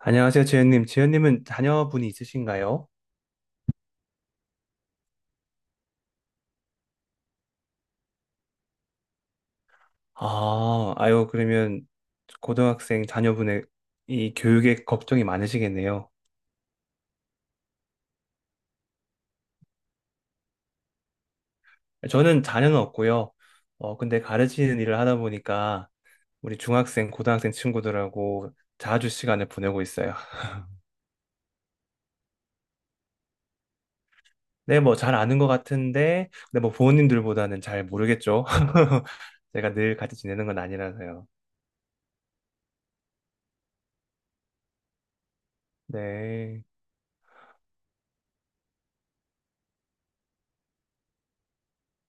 안녕하세요, 재현님. 재현님은 자녀분이 있으신가요? 아, 아유, 그러면 고등학생 자녀분의 이 교육에 걱정이 많으시겠네요. 저는 자녀는 없고요. 근데 가르치는 일을 하다 보니까 우리 중학생, 고등학생 친구들하고 자주 시간을 보내고 있어요. 네, 뭐 잘 아는 것 같은데, 근데 뭐 부모님들보다는 잘 모르겠죠. 제가 늘 같이 지내는 건 아니라서요. 네.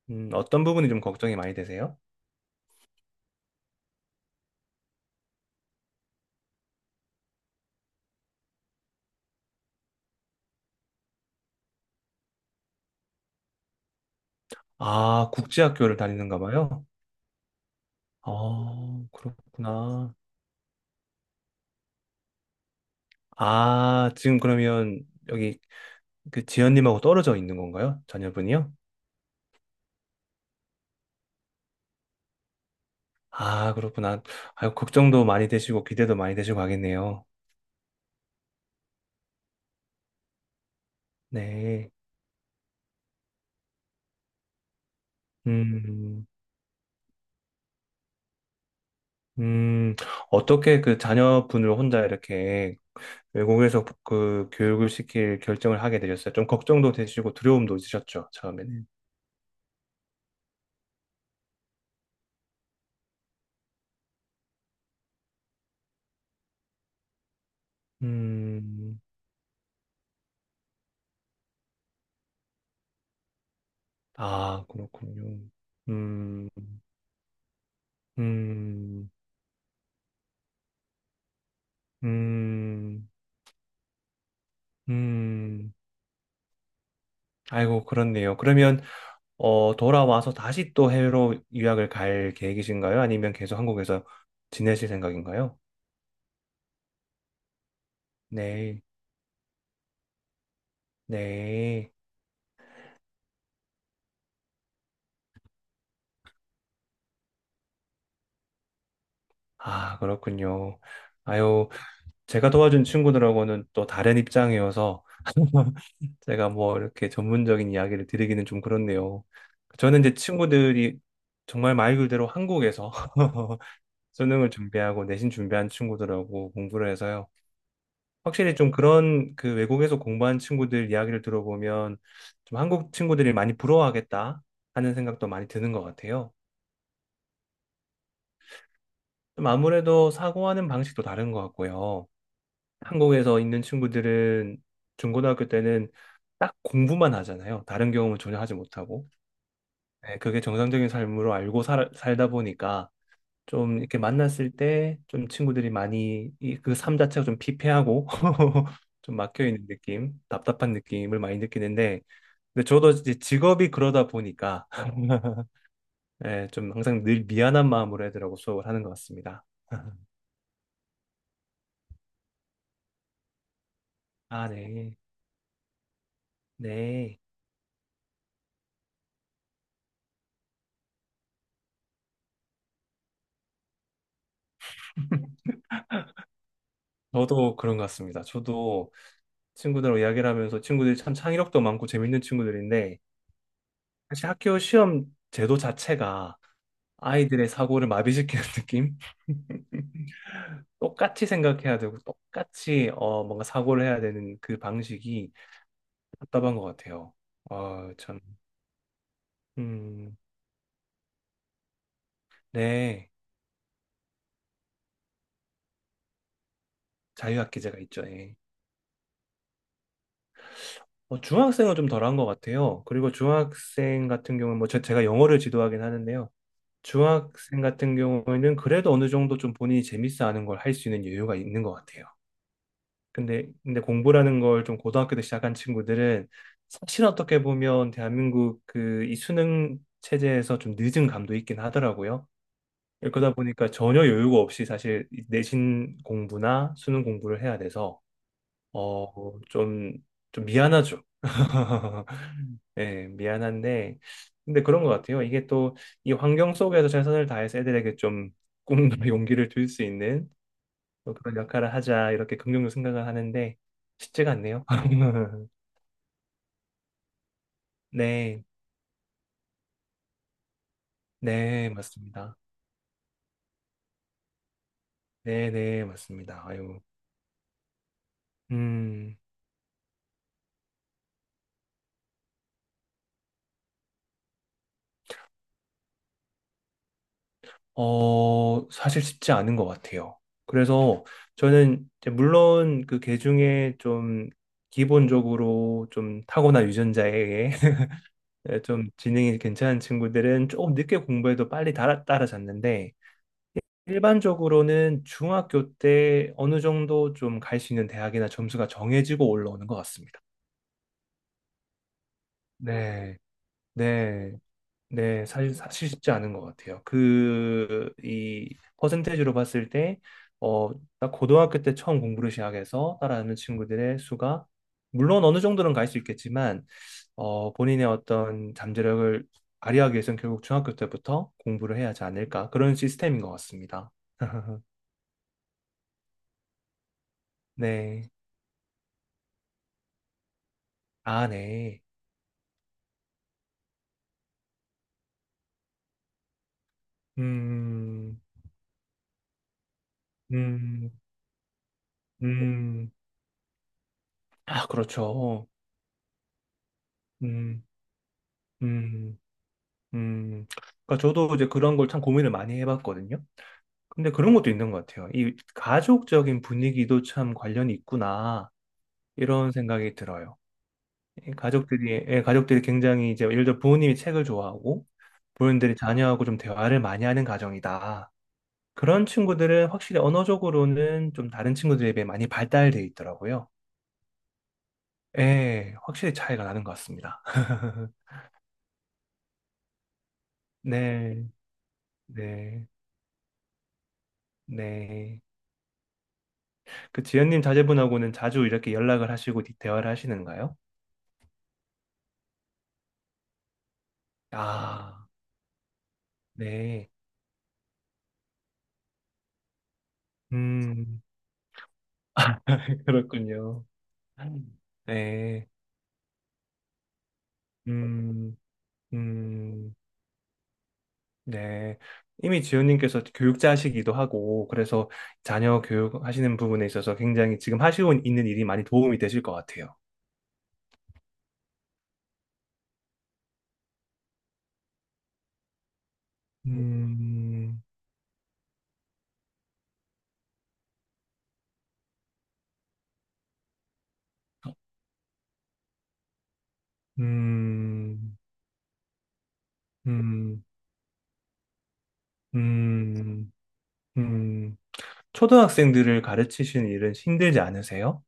어떤 부분이 좀 걱정이 많이 되세요? 아, 국제학교를 다니는가 봐요. 그렇구나. 아, 지금 그러면 여기 그 지연님하고 떨어져 있는 건가요? 자녀분이요? 아, 그렇구나. 아유, 걱정도 많이 되시고 기대도 많이 되시고 하겠네요. 네. 음. 음. 어떻게 그 자녀분을 혼자 이렇게 외국에서 그 교육을 시킬 결정을 하게 되셨어요? 좀 걱정도 되시고 두려움도 있으셨죠, 처음에는. 음. 아, 그렇군요. 음. 음. 음. 음. 아이고, 그렇네요. 그러면, 돌아와서 다시 또 해외로 유학을 갈 계획이신가요? 아니면 계속 한국에서 지내실 생각인가요? 네, 네. 아, 그렇군요. 아유, 제가 도와준 친구들하고는 또 다른 입장이어서 제가 뭐 이렇게 전문적인 이야기를 드리기는 좀 그렇네요. 저는 이제 친구들이 정말 말 그대로 한국에서 수능을 준비하고 내신 준비한 친구들하고 공부를 해서요. 확실히 좀 그런 그 외국에서 공부한 친구들 이야기를 들어보면 좀 한국 친구들이 많이 부러워하겠다 하는 생각도 많이 드는 것 같아요. 좀 아무래도 사고하는 방식도 다른 것 같고요. 한국에서 있는 친구들은 중고등학교 때는 딱 공부만 하잖아요. 다른 경험을 전혀 하지 못하고. 네, 그게 정상적인 삶으로 알고 살다 보니까 좀 이렇게 만났을 때 좀 친구들이 많이 이 그 삶 자체가 좀 피폐하고 좀 막혀 있는 느낌, 답답한 느낌을 많이 느끼는데 근데 저도 이제 직업이 그러다 보니까 예, 좀 항상 늘 미안한 마음으로 애들하고 수업을 하는 것 같습니다. 아, 네. 네. 저도 그런 것 같습니다. 저도 친구들하고 이야기를 하면서 친구들이 참 창의력도 많고 재밌는 친구들인데 사실 학교 시험 제도 자체가 아이들의 사고를 마비시키는 느낌? 똑같이 생각해야 되고 똑같이 뭔가 사고를 해야 되는 그 방식이 답답한 것 같아요. 어, 참. 음. 네. 자유학기제가 있죠. 예. 중학생은 좀 덜한 것 같아요. 그리고 중학생 같은 경우는 뭐 제가 영어를 지도하긴 하는데요. 중학생 같은 경우에는 그래도 어느 정도 좀 본인이 재밌어 하는 걸 할 수 있는 여유가 있는 것 같아요. 근데 공부라는 걸 좀 고등학교 때 시작한 친구들은 사실 어떻게 보면 대한민국 그 이 수능 체제에서 좀 늦은 감도 있긴 하더라고요. 그러다 보니까 전혀 여유가 없이 사실 내신 공부나 수능 공부를 해야 돼서 어, 좀, 좀 미안하죠. 예, 미안한데, 근데 그런 것 같아요. 이게 또 이 환경 속에서 최선을 다해서 애들에게 좀 꿈과 용기를 줄 수 있는 또 그런 역할을 하자, 이렇게 긍정적으로 생각을 하는데, 쉽지가 않네요. 네, 네, 맞습니다. 네, 네, 맞습니다. 아유, 음. 사실 쉽지 않은 것 같아요. 그래서 저는 이제 물론 그 계중에 좀 기본적으로 좀 타고난 유전자에 의해 좀 지능이 괜찮은 친구들은 조금 늦게 공부해도 빨리 따라잡는데 일반적으로는 중학교 때 어느 정도 좀 갈 수 있는 대학이나 점수가 정해지고 올라오는 것 같습니다. 네, 네. 네, 사실 쉽지 않은 것 같아요. 퍼센테이지로 봤을 때, 어, 딱 고등학교 때 처음 공부를 시작해서 따라하는 친구들의 수가, 물론 어느 정도는 갈 수 있겠지만, 본인의 어떤 잠재력을 발휘하기 위해서는 결국 중학교 때부터 공부를 해야 하지 않을까. 그런 시스템인 것 같습니다. 네. 아, 네. 음. 음. 음. 아, 그렇죠. 음. 음. 음, 그러니까 저도 이제 그런 걸 참 고민을 많이 해봤거든요. 근데 그런 것도 있는 것 같아요. 이 가족적인 분위기도 참 관련이 있구나 이런 생각이 들어요. 이 가족들이 예, 가족들이 굉장히 이제 예를 들어 부모님이 책을 좋아하고 부모님들이 자녀하고 좀 대화를 많이 하는 가정이다. 그런 친구들은 확실히 언어적으로는 좀 다른 친구들에 비해 많이 발달돼 있더라고요. 예, 확실히 차이가 나는 것 같습니다. 네, 네, 네. 그 지연님 자제분하고는 자주 이렇게 연락을 하시고 대화를 하시는가요? 아, 네. 음, 그렇군요. 네. 음. 음. 네. 이미 지연님께서 교육자시기도 하고, 그래서 자녀 교육하시는 부분에 있어서 굉장히 지금 하시고 있는 일이 많이 도움이 되실 것 같아요. 음. 음. 음. 음. 음. 초등학생들을 가르치시는 일은 힘들지 않으세요?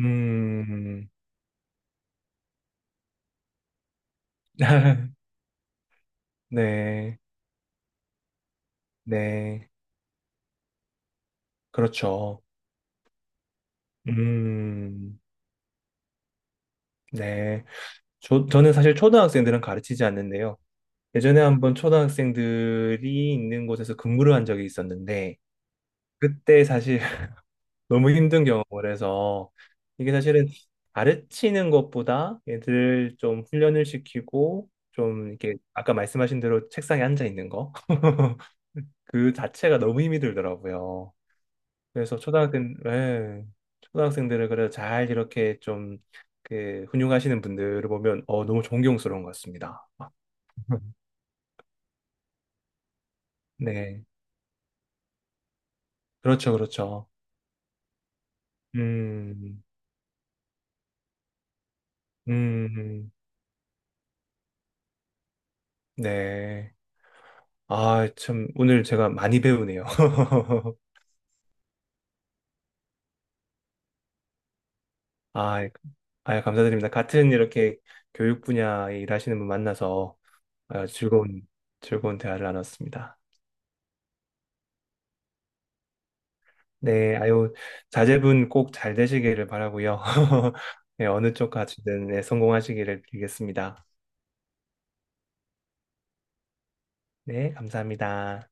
음. 네, 네, 그렇죠. 음. 네. 저는 사실 초등학생들은 가르치지 않는데요. 예전에 한번 초등학생들이 있는 곳에서 근무를 한 적이 있었는데, 그때 사실 너무 힘든 경험을 해서, 이게 사실은 가르치는 것보다 얘들 좀 훈련을 시키고, 좀 이렇게 아까 말씀하신 대로 책상에 앉아 있는 거, 그 자체가 너무 힘이 들더라고요. 그래서 초등학생, 예, 초등학생들을 그래 잘 이렇게 좀, 그, 훈육하시는 분들을 보면, 너무 존경스러운 것 같습니다. 네. 그렇죠, 그렇죠. 음. 음. 네. 아, 참, 오늘 제가 많이 배우네요. 아, 아, 감사드립니다. 같은 이렇게 교육 분야에 일하시는 분 만나서 아, 즐거운, 즐거운 대화를 나눴습니다. 네, 아유, 자제분 꼭 잘 되시기를 바라고요. 네, 어느 쪽 가시든 네, 성공하시기를 빌겠습니다. 네, 감사합니다.